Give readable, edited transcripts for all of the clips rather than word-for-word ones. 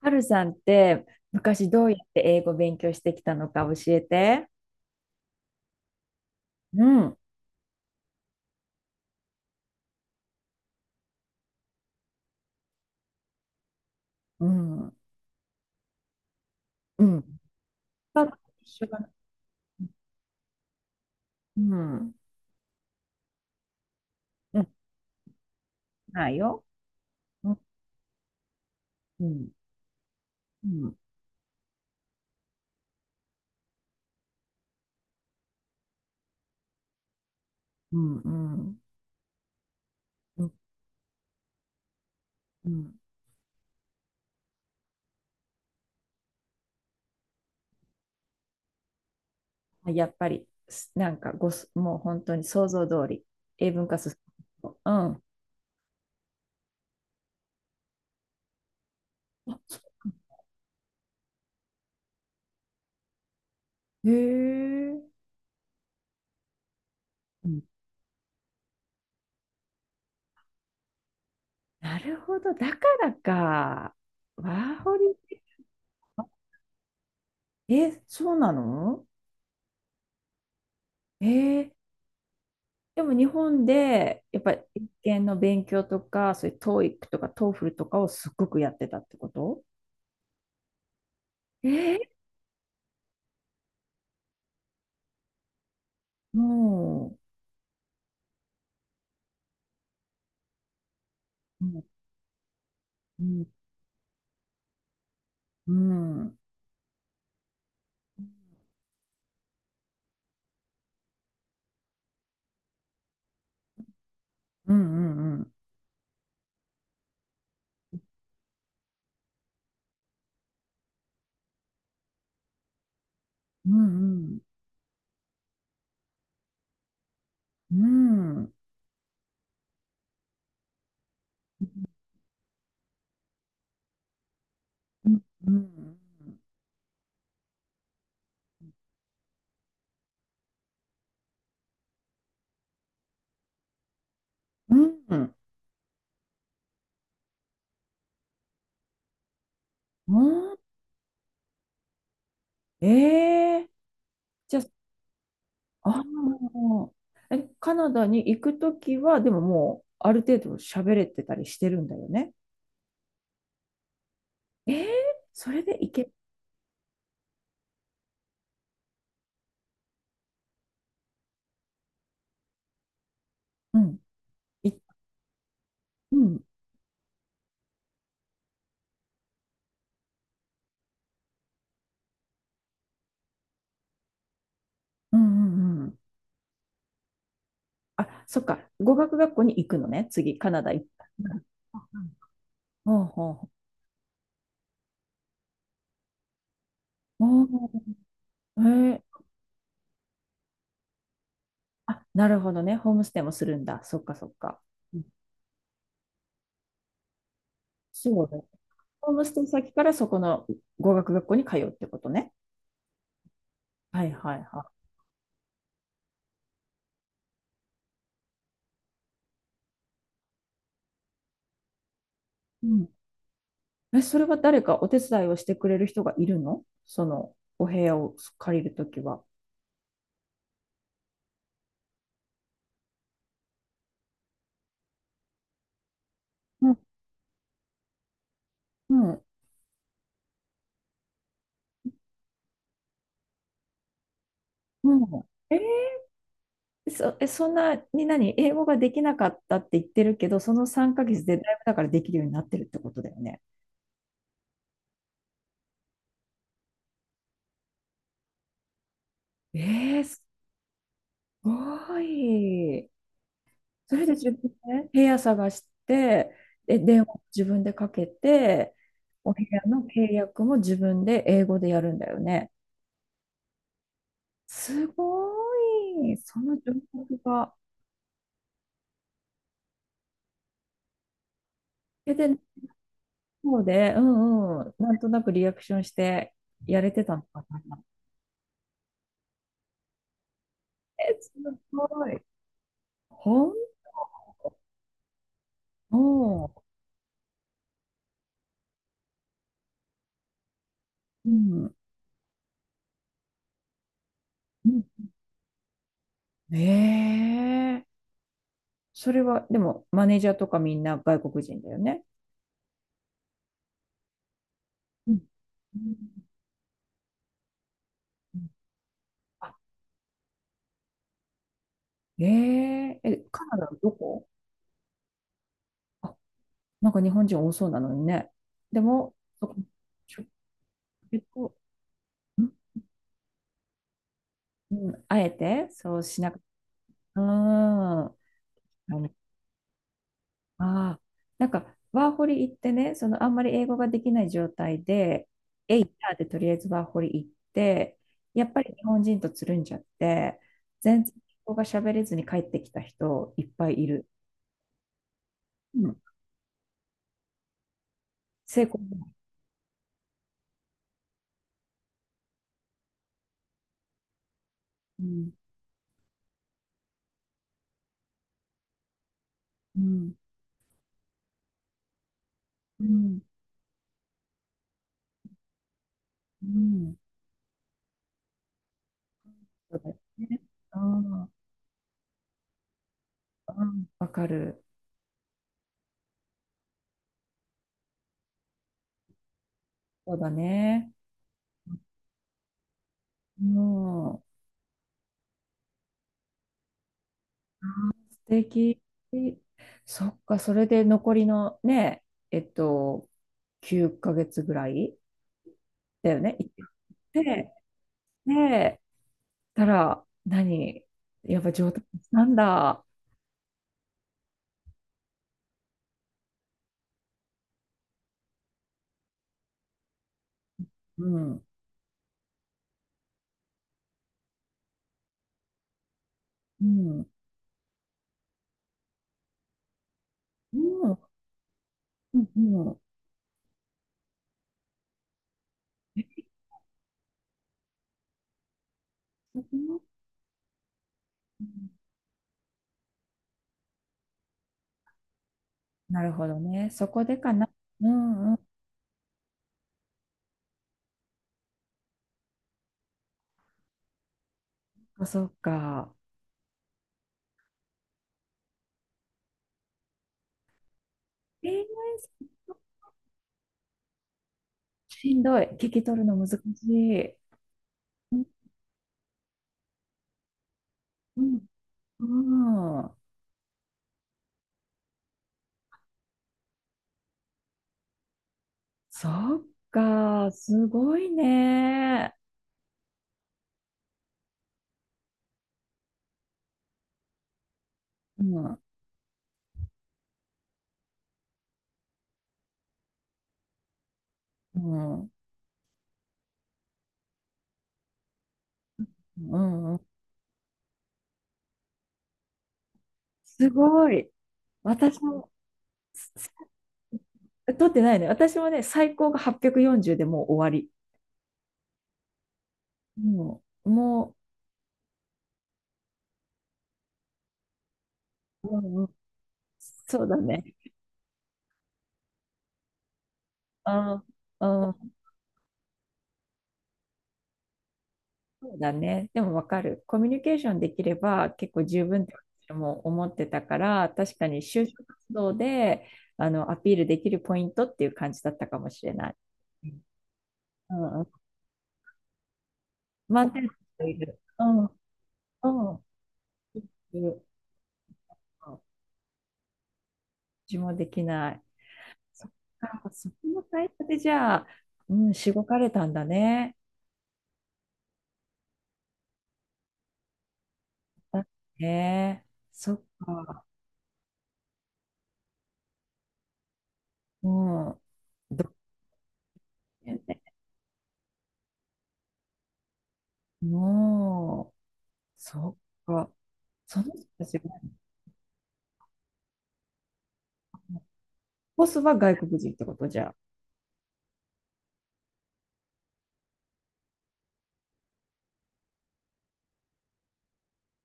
はるさんって昔どうやって英語勉強してきたのか教えて。うん、うん、うん。パパと一緒かな。うん、うん、ないよ。うん、うん、うん、うん、うん、うん、うん、やっぱり、すなんかごす、もう本当に想像通り、英文化すうん。あへえ、うん。なるほど、だからか。ワーホリ。え、そうなの？えーでも日本でやっぱり英検の勉強とか、そういう TOEIC とか TOEFL とかをすっごくやってたってこと？えー、もう、うん、うん、うん、うん、うん、うん、うん、うん、うん、うん、うん、うん、うん、じゃあ、あーえ、カナダに行くときは、でももう、ある程度喋れてたりしてるんだよね。えー、それで行け、うん、い、うん、うん、うん、うん。あ、そっか。語学学校に行くのね。次、カナダ行った。うんだほうほうほう。ほう。へえ。あ、なるほどね。ホームステイもするんだ。そっかそっか。うんそうだ。ホームステイ先からそこの語学学校に通うってことね。はいはいはい。うんえ、それは誰かお手伝いをしてくれる人がいるの？そのお部屋を借りるときは。うんうんうんそ、え、そんなに何英語ができなかったって言ってるけど、その3ヶ月でだいぶだからできるようになってるってことだよね。ええすごい。それで自分で部屋探して、で、電話を自分でかけて、お部屋の契約も自分で英語でやるんだよね。すごい。その情報が。え、で、そうで、うんうん、なんとなくリアクションしてやれてたのかな。え、すごい。ほん、おう、うん、うん。ええそれは、でも、マネージャーとかみんな外国人だよね。うん。うんあ、えええ、カナダのどこ？あ、なんか日本人多そうなのにね。でも、そこ、ちょ結構、んあえてそうしなく、うーん。の、あー、なんか、ワーホリ行ってね、そのあんまり英語ができない状態で、エイターでとりあえずワーホリ行って、やっぱり日本人とつるんじゃって、全然英語が喋れずに帰ってきた人いっぱいいる。うん、成功。うん、うん、うん。うん。そうだよね。うん。うん。わかる。そうだね。もう、素敵。そっか、それで残りのね、えっと、9ヶ月ぐらいだよね。行って、で、たら、何やっぱ上達したんだ。うん。うん。うん、うん、う、そこもうんなるほどね。そこでかな。うん、うん。そっか。そっかえーしんどい。聞き取るの難しい。うん、うん、うん。そっか、すごいね。うん、うん、うん、うんすごい。私も、す取ってないね。私もね、最高が840でもう終わり。もうん、もう、うん、うんそうだね。あうんそうだね。でもわかる。コミュニケーションできれば結構十分って私も思ってたから、確かに就職活動であのアピールできるポイントっていう感じだったかもしれない。うんうん。満点の人いる。うんうん。いるうん私もできない。そっか、そこの会社でじゃあ、うん、しごかれたんだね。だね。そっか。うん。どうだよね。もう。そっか。その人たちが、ボスは外国人ってことじゃあ。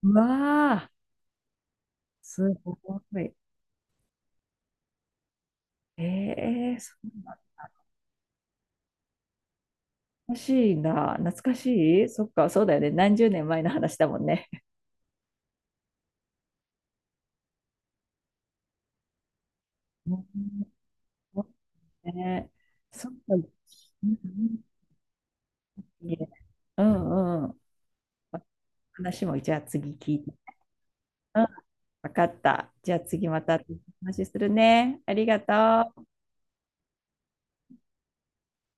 うわあ、すごい。ええーそうな懐かしいな。懐かしいそっか、そうだよね。何十年前の話だもんね。うんそうねそっか。うんうんうん。話も、じゃあ次聞いて。うん、わかった。じゃあ次また話するね。ありがとう。